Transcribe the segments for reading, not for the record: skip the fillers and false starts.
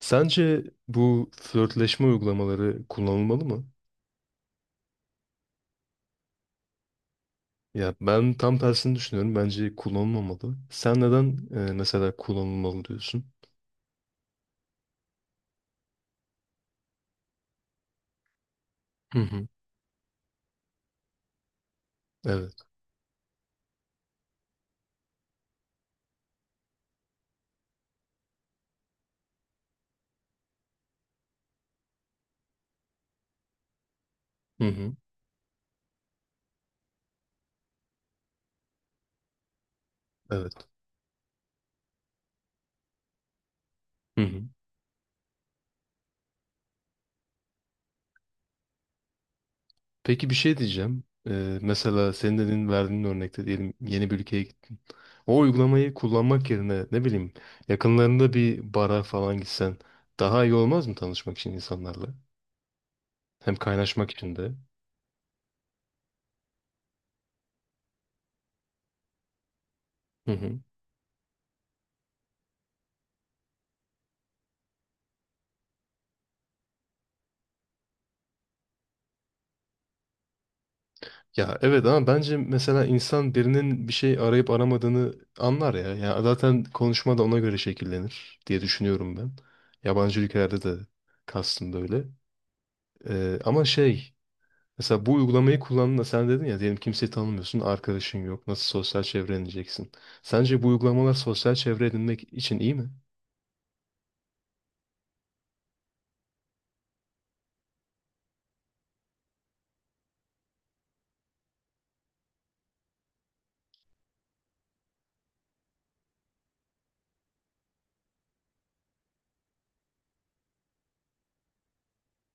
Sence bu flörtleşme uygulamaları kullanılmalı mı? Ya ben tam tersini düşünüyorum. Bence kullanılmamalı. Sen neden mesela kullanılmalı diyorsun? Hı hı. Evet. Hı hı. Evet. Hı hı. Peki bir şey diyeceğim. Mesela senin dediğin verdiğin örnekte diyelim yeni bir ülkeye gittin. O uygulamayı kullanmak yerine ne bileyim yakınlarında bir bara falan gitsen daha iyi olmaz mı tanışmak için insanlarla? Hem kaynaşmak için de. Hı hı. Ya evet ama bence mesela insan birinin bir şey arayıp aramadığını anlar ya. Ya zaten konuşma da ona göre şekillenir diye düşünüyorum ben. Yabancı ülkelerde de kastım böyle. Ama mesela bu uygulamayı kullandığında sen dedin ya diyelim kimseyi tanımıyorsun, arkadaşın yok. Nasıl sosyal çevre edineceksin? Sence bu uygulamalar sosyal çevre edinmek için iyi mi?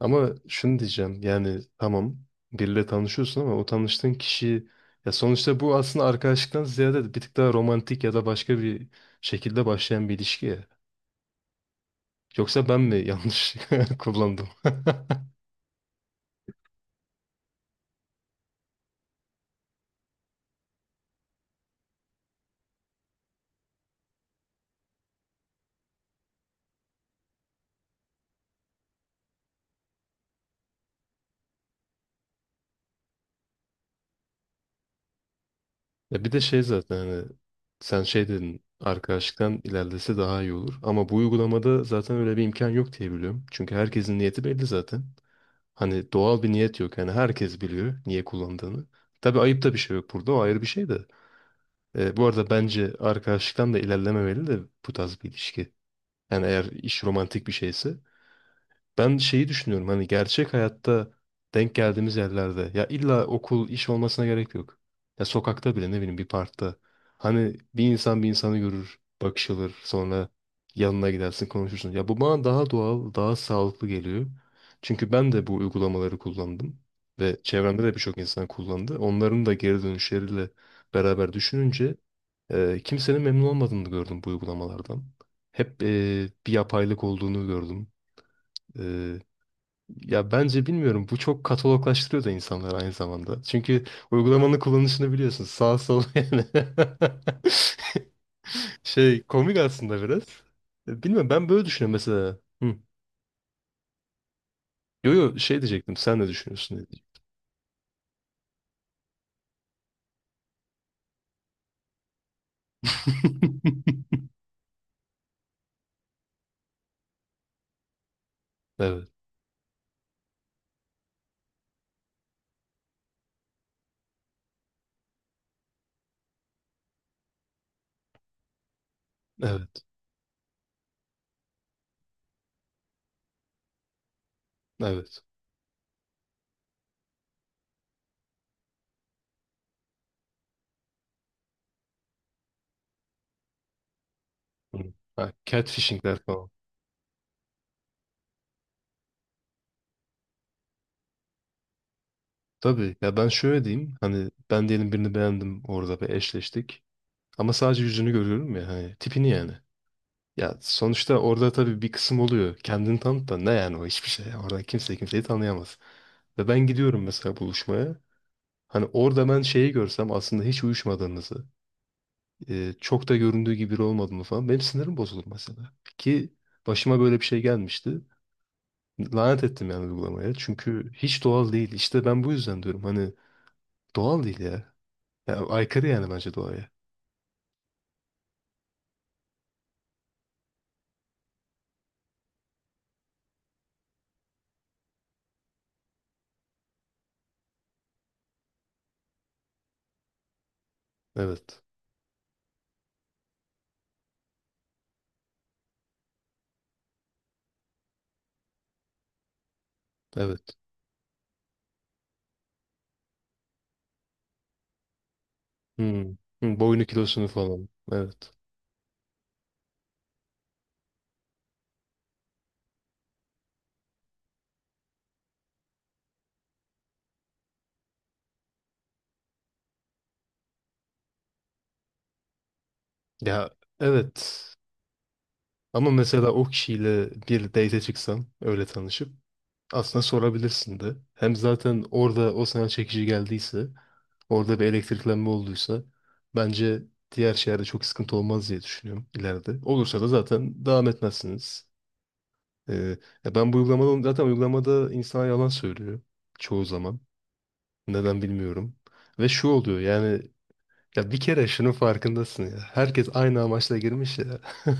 Ama şunu diyeceğim yani tamam biriyle tanışıyorsun ama o tanıştığın kişi ya sonuçta bu aslında arkadaşlıktan ziyade bir tık daha romantik ya da başka bir şekilde başlayan bir ilişki ya. Yoksa ben mi yanlış kullandım? Ya bir de şey zaten hani sen şey dedin arkadaşlıktan ilerlese daha iyi olur. Ama bu uygulamada zaten öyle bir imkan yok diye biliyorum. Çünkü herkesin niyeti belli zaten. Hani doğal bir niyet yok. Yani herkes biliyor niye kullandığını. Tabii ayıp da bir şey yok burada. O ayrı bir şey de. Bu arada bence arkadaşlıktan da ilerlememeli de bu tarz bir ilişki. Yani eğer iş romantik bir şeyse. Ben şeyi düşünüyorum hani gerçek hayatta denk geldiğimiz yerlerde ya illa okul, iş olmasına gerek yok. Ya sokakta bile ne bileyim bir parkta. Hani bir insan bir insanı görür, bakışılır, sonra yanına gidersin konuşursun. Ya bu bana daha doğal, daha sağlıklı geliyor. Çünkü ben de bu uygulamaları kullandım ve çevremde de birçok insan kullandı. Onların da geri dönüşleriyle beraber düşününce, kimsenin memnun olmadığını gördüm bu uygulamalardan. Hep bir yapaylık olduğunu gördüm. Eee, Ya bence bilmiyorum bu çok kataloglaştırıyor da insanları aynı zamanda. Çünkü uygulamanın kullanışını biliyorsun sağ sol yani. Şey komik aslında biraz. Bilmiyorum ben böyle düşünüyorum mesela. Hı. Yo, şey diyecektim sen ne düşünüyorsun diye diyecektim. Evet, evet, evet. Hı. Ha, catfishingler falan. Tabii ya ben şöyle diyeyim hani ben diyelim birini beğendim orada ve eşleştik ama sadece yüzünü görüyorum ya hani tipini yani. Ya sonuçta orada tabii bir kısım oluyor kendini tanıt da ne yani o hiçbir şey orada kimse kimseyi tanıyamaz. Ve ben gidiyorum mesela buluşmaya hani orada ben şeyi görsem aslında hiç uyuşmadığımızı çok da göründüğü gibi biri olmadığını falan benim sinirim bozulur mesela. Ki başıma böyle bir şey gelmişti lanet ettim yani uygulamaya çünkü hiç doğal değil işte ben bu yüzden diyorum hani doğal değil ya. Ya, aykırı yani bence doğaya. Evet. Evet. Hmm. Hmm, boyunu kilosunu falan. Evet. Ya evet. Ama mesela o kişiyle bir date çıksam öyle tanışıp aslında sorabilirsin de. Hem zaten orada o sana çekici geldiyse orada bir elektriklenme olduysa bence diğer şeylerde çok sıkıntı olmaz diye düşünüyorum ileride. Olursa da zaten devam etmezsiniz. Ee, Ya ben bu uygulamadan zaten uygulamada insan yalan söylüyor çoğu zaman. Neden bilmiyorum. Ve şu oluyor yani ya bir kere şunun farkındasın ya. Herkes aynı amaçla girmiş ya.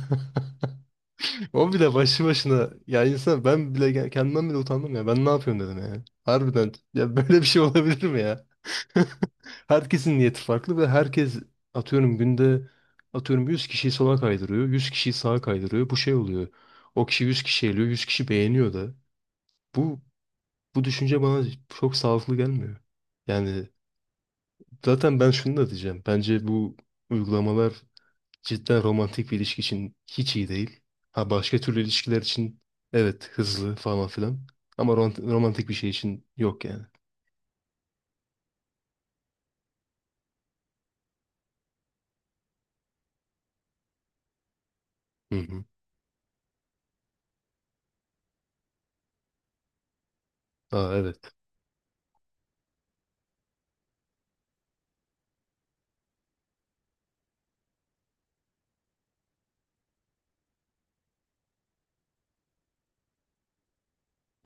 O bile başlı başına ya insan ben bile kendimden bile utandım ya. Ben ne yapıyorum dedim yani. Harbiden ya böyle bir şey olabilir mi ya? Herkesin niyeti farklı ve herkes atıyorum günde atıyorum 100 kişiyi sola kaydırıyor, 100 kişiyi sağa kaydırıyor. Bu şey oluyor. O kişi 100 kişi eliyor, 100 kişi beğeniyor da. Bu Bu düşünce bana çok sağlıklı gelmiyor. Yani zaten ben şunu da diyeceğim. Bence bu uygulamalar cidden romantik bir ilişki için hiç iyi değil. Ha başka türlü ilişkiler için evet hızlı falan filan. Ama romantik bir şey için yok yani. Hı hı. Aa evet.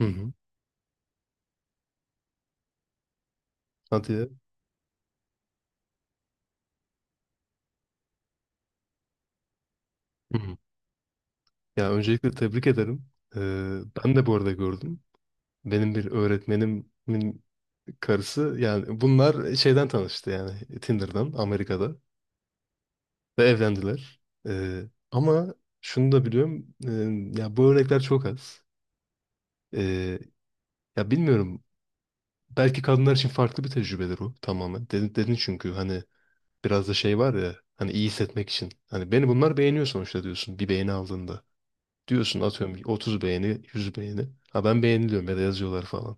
Hı hı. Hadi ya. Hı hı. Ya öncelikle tebrik ederim. Ee, Ben de bu arada gördüm. Benim bir öğretmenimin karısı yani bunlar şeyden tanıştı yani Tinder'dan Amerika'da. Ve evlendiler. Ee, Ama şunu da biliyorum. Ya bu örnekler çok az. Ee, Ya bilmiyorum. Belki kadınlar için farklı bir tecrübedir o tamamen. Dedin, dedin çünkü hani biraz da şey var ya hani iyi hissetmek için. Hani beni bunlar beğeniyor sonuçta diyorsun bir beğeni aldığında. Diyorsun atıyorum 30 beğeni, 100 beğeni. Ha ben beğeniliyorum ya da yazıyorlar falan.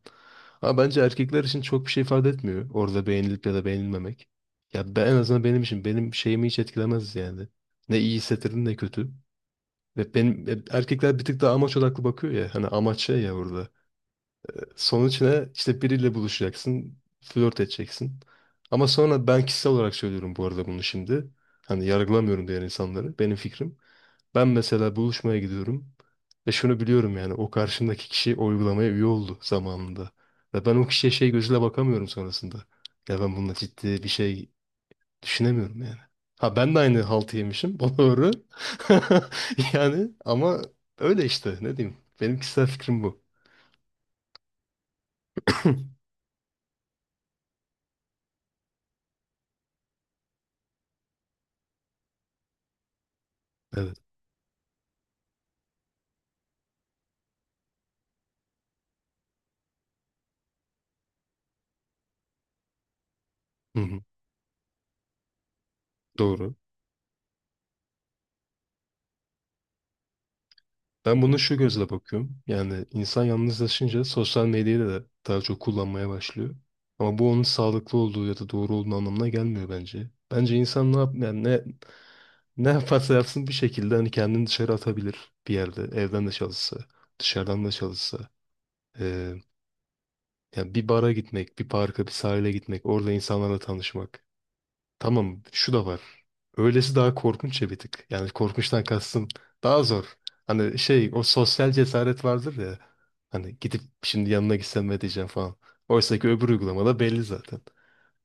Ama bence erkekler için çok bir şey ifade etmiyor. Orada beğenilip ya da beğenilmemek. Ya ben, en azından benim için benim şeyimi hiç etkilemez yani. Ne iyi hissettirir ne kötü. Ve benim erkekler bir tık daha amaç odaklı bakıyor ya. Hani amaç şey ya burada. Sonuç ne? İşte biriyle buluşacaksın, flört edeceksin. Ama sonra ben kişisel olarak söylüyorum bu arada bunu şimdi. Hani yargılamıyorum diğer insanları. Benim fikrim. Ben mesela buluşmaya gidiyorum. Ve şunu biliyorum yani o karşımdaki kişi o uygulamaya üye oldu zamanında. Ve ben o kişiye şey gözüyle bakamıyorum sonrasında. Ya ben bununla ciddi bir şey düşünemiyorum yani. Ha ben de aynı haltı yemişim. O doğru. Yani ama öyle işte ne diyeyim. Benim kişisel fikrim bu. Evet. Hı hı. Doğru. Ben bunu şu gözle bakıyorum. Yani insan yalnızlaşınca sosyal medyayı da daha çok kullanmaya başlıyor. Ama bu onun sağlıklı olduğu ya da doğru olduğu anlamına gelmiyor bence. Bence insan ne yap yani ne yaparsa yapsın bir şekilde hani kendini dışarı atabilir bir yerde. Evden de çalışsa, dışarıdan da çalışsa. Yani bir bara gitmek, bir parka, bir sahile gitmek, orada insanlarla tanışmak. Tamam, şu da var. Öylesi daha korkunç ya bir tık. Yani korkunçtan kastım daha zor. Hani şey, o sosyal cesaret vardır ya. Hani gidip şimdi yanına gitsem ne diyeceğim falan. Oysa ki öbür uygulamada belli zaten.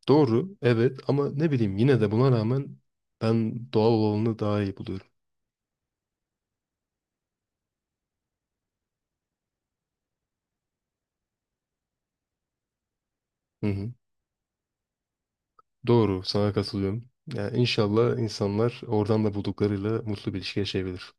Doğru, evet ama ne bileyim yine de buna rağmen ben doğal olanı daha iyi buluyorum. Hı hı. Doğru, sana katılıyorum. Yani inşallah insanlar oradan da bulduklarıyla mutlu bir ilişki yaşayabilir.